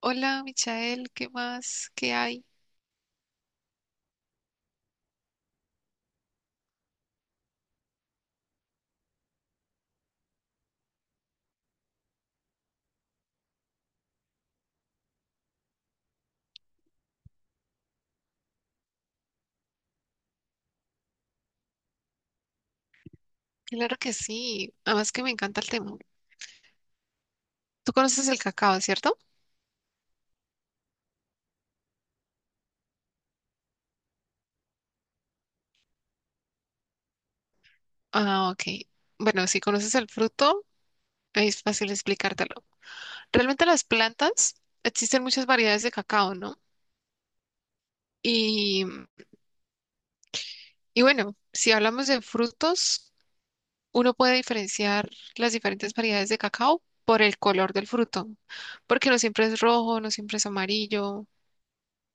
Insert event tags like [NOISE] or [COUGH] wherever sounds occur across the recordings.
Hola, Michael, ¿qué más? ¿Qué hay? Claro que sí, además que me encanta el tema. Tú conoces el cacao, ¿cierto? Ah, ok. Bueno, si conoces el fruto, es fácil explicártelo. Realmente las plantas, existen muchas variedades de cacao, ¿no? Y, y bueno, si hablamos de frutos, uno puede diferenciar las diferentes variedades de cacao por el color del fruto, porque no siempre es rojo, no siempre es amarillo.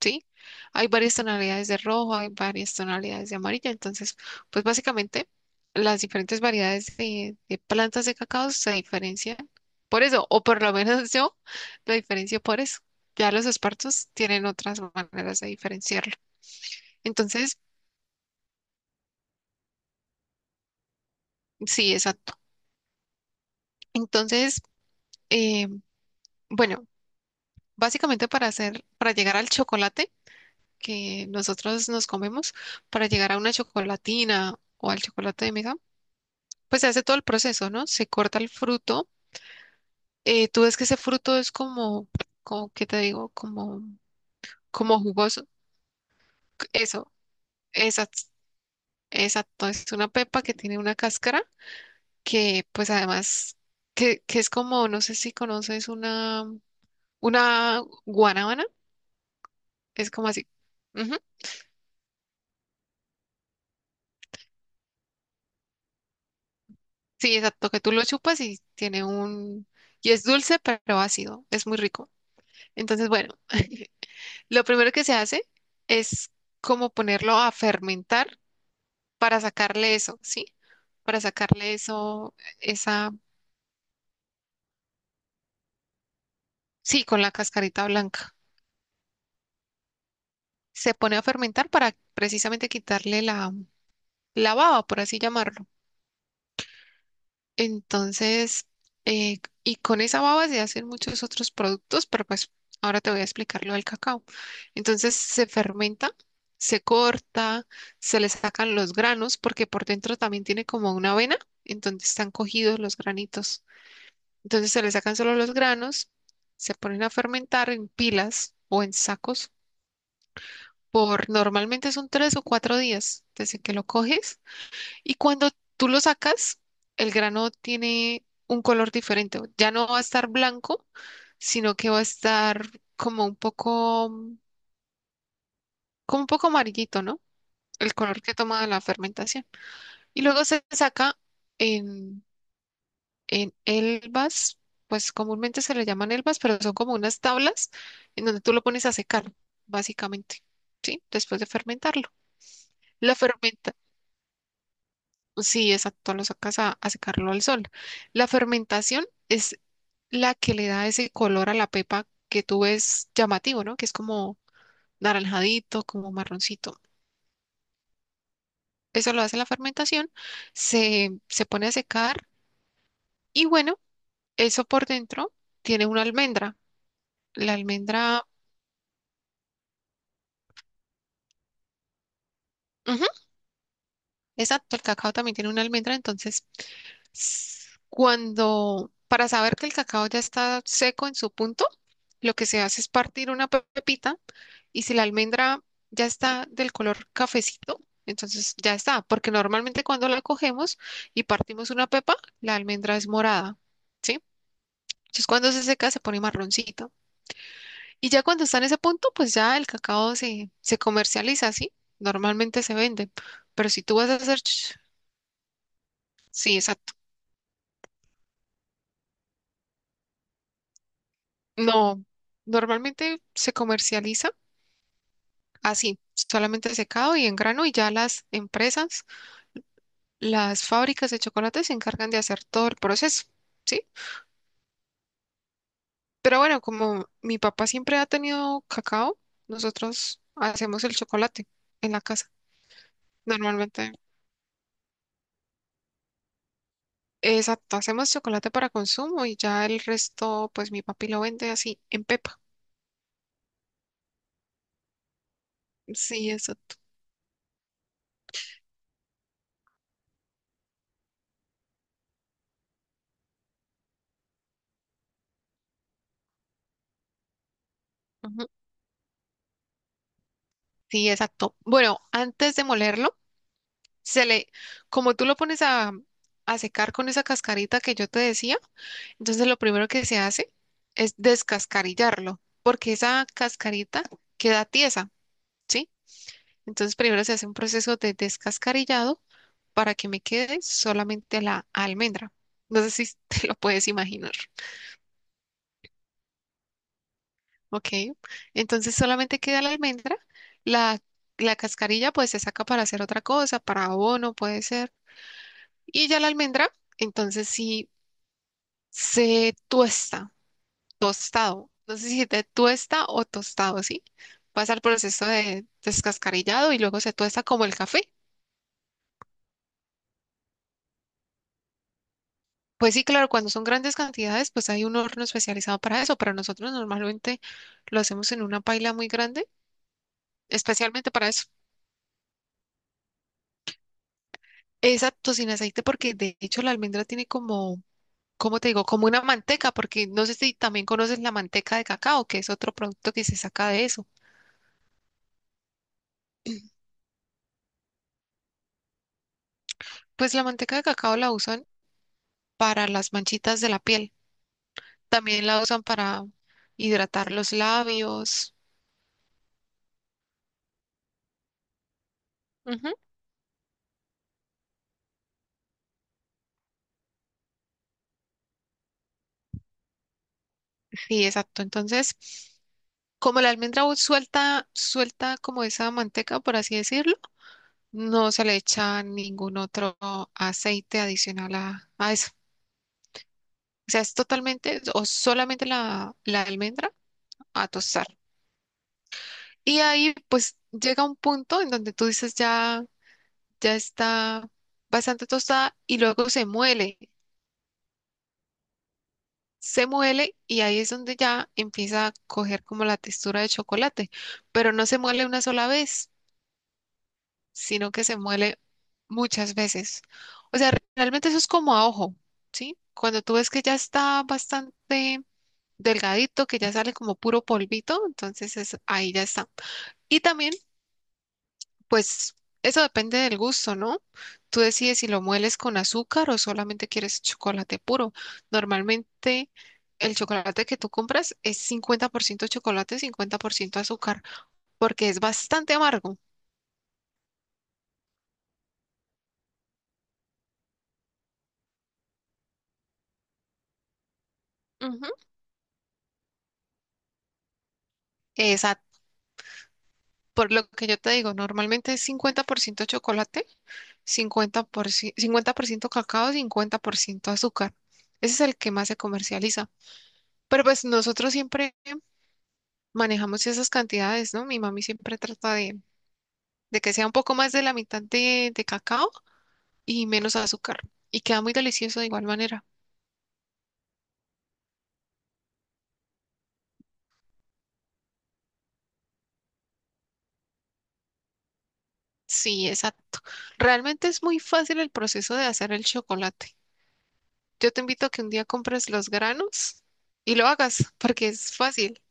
¿Sí? Hay varias tonalidades de rojo, hay varias tonalidades de amarillo, entonces, pues básicamente las diferentes variedades de plantas de cacao se diferencian por eso, o por lo menos [LAUGHS] yo lo diferencio por eso. Ya los espartos tienen otras maneras de diferenciarlo. Entonces, sí, exacto. Entonces, eh, bueno, básicamente para hacer, para llegar al chocolate que nosotros nos comemos, para llegar a una chocolatina o al chocolate de mesa, pues se hace todo el proceso, ¿no? Se corta el fruto. Tú ves que ese fruto es como, como, ¿qué te digo? Como, como jugoso. Eso, exacto, exacto. Es una pepa que tiene una cáscara que, pues además, que es como, no sé si conoces una guanábana. Es como así. Ujú. Sí, exacto, que tú lo chupas y tiene un... Y es dulce, pero ácido. Es muy rico. Entonces, bueno. [LAUGHS] Lo primero que se hace es como ponerlo a fermentar para sacarle eso, ¿sí? Para sacarle eso, esa, sí, con la cascarita blanca. Se pone a fermentar para precisamente quitarle la, la baba, por así llamarlo. Entonces, y con esa baba se hacen muchos otros productos, pero pues ahora te voy a explicar lo del cacao. Entonces se fermenta, se corta, se le sacan los granos, porque por dentro también tiene como una avena en donde están cogidos los granitos. Entonces se le sacan solo los granos, se ponen a fermentar en pilas o en sacos por normalmente son 3 o 4 días desde que lo coges y cuando tú lo sacas, el grano tiene un color diferente. Ya no va a estar blanco, sino que va a estar como un poco, como un poco amarillito, ¿no? El color que toma la fermentación. Y luego se saca en, en elvas, pues comúnmente se le llaman elvas, pero son como unas tablas en donde tú lo pones a secar, básicamente, ¿sí? Después de fermentarlo. La fermenta, sí, exacto, lo sacas a secarlo al sol. La fermentación es la que le da ese color a la pepa que tú ves llamativo, ¿no? Que es como naranjadito, como marroncito. Eso lo hace la fermentación, se pone a secar y bueno, eso por dentro tiene una almendra. La almendra, ujú, exacto, el cacao también tiene una almendra, entonces cuando, para saber que el cacao ya está seco en su punto, lo que se hace es partir una pepita. Y si la almendra ya está del color cafecito, entonces ya está, porque normalmente cuando la cogemos y partimos una pepa, la almendra es morada, ¿sí? Entonces cuando se seca se pone marroncito. Y ya cuando está en ese punto, pues ya el cacao se comercializa, ¿sí? Normalmente se vende, pero si tú vas a hacer... Sí, exacto. No, normalmente se comercializa así, solamente secado y en grano y ya las empresas. Las fábricas de chocolate se encargan de hacer todo el proceso, ¿sí? Pero bueno, como mi papá siempre ha tenido cacao, nosotros hacemos el chocolate en la casa, normalmente. Exacto, hacemos chocolate para consumo y ya el resto, pues mi papi lo vende así en pepa. Sí, exacto. Ujú, sí, exacto. Bueno, antes de molerlo, se le, como tú lo pones a, secar con esa cascarita que yo te decía. Entonces lo primero que se hace es descascarillarlo, porque esa cascarita queda tiesa, ¿sí? Entonces primero se hace un proceso de descascarillado para que me quede solamente la almendra. No sé si [LAUGHS] te lo puedes imaginar, ¿ok? Entonces solamente queda la almendra, la, la cascarilla pues se saca para hacer otra cosa, para abono puede ser, y ya la almendra, entonces sí se tuesta tostado. No sé si te tuesta o tostado, ¿sí? Pasa el proceso de descascarillado y luego se tuesta como el café. Pues sí, claro, cuando son grandes cantidades, pues hay un horno especializado para eso, pero nosotros normalmente lo hacemos en una paila muy grande, especialmente para eso. Exacto, sin aceite, porque de hecho la almendra tiene como, ¿cómo te digo? Como una manteca, porque no sé si también conoces la manteca de cacao, que es otro producto que se saca de eso. Pues la manteca de cacao la usan para las manchitas de la piel. También la usan para hidratar los labios. Ujú, sí, exacto. Entonces, como la almendra suelta, suelta como esa manteca, por así decirlo, no se le echa ningún otro aceite adicional a, eso. O sea, es totalmente o solamente la almendra a tostar. Y ahí pues llega un punto en donde tú dices ya, ya está bastante tostada y luego se muele. Se muele y ahí es donde ya empieza a coger como la textura de chocolate, pero no se muele una sola vez, sino que se muele muchas veces. O sea, realmente eso es como a ojo, ¿sí? Cuando tú ves que ya está bastante delgadito, que ya sale como puro polvito, entonces ahí ya está. Y también pues eso depende del gusto, ¿no? Tú decides si lo mueles con azúcar o solamente quieres chocolate puro. Normalmente el chocolate que tú compras es 50% chocolate, 50% azúcar, porque es bastante amargo. Ujú. Esa- por lo que yo te digo, normalmente es 50% chocolate, 50%, 50% cacao, 50% azúcar. Ese es el que más se comercializa. Pero pues nosotros siempre manejamos esas cantidades, ¿no? Mi mami siempre trata de que sea un poco más de la mitad de cacao y menos azúcar. Y queda muy delicioso de igual manera. Sí, exacto. Realmente es muy fácil el proceso de hacer el chocolate. Yo te invito a que un día compres los granos y lo hagas, porque es fácil.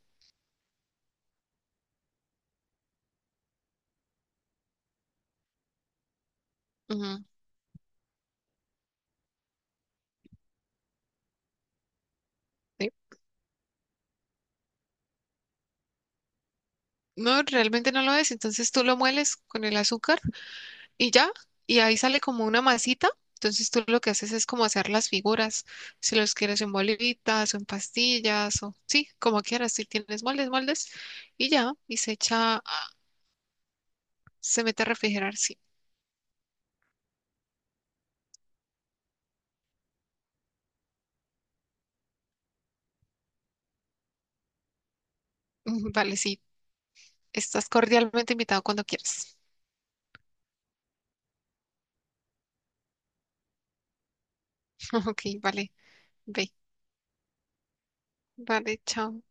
Ujú, sí. No, realmente no lo es. Entonces tú lo mueles con el azúcar y ya, y ahí sale como una masita. Entonces tú lo que haces es como hacer las figuras, si los quieres en bolitas o en pastillas o sí, como quieras, si tienes moldes, y ya, y se echa, se mete a refrigerar, sí. [LAUGHS] Vale, sí, estás cordialmente invitado cuando quieras. [LAUGHS] Ok, vale, ve, vale, chao.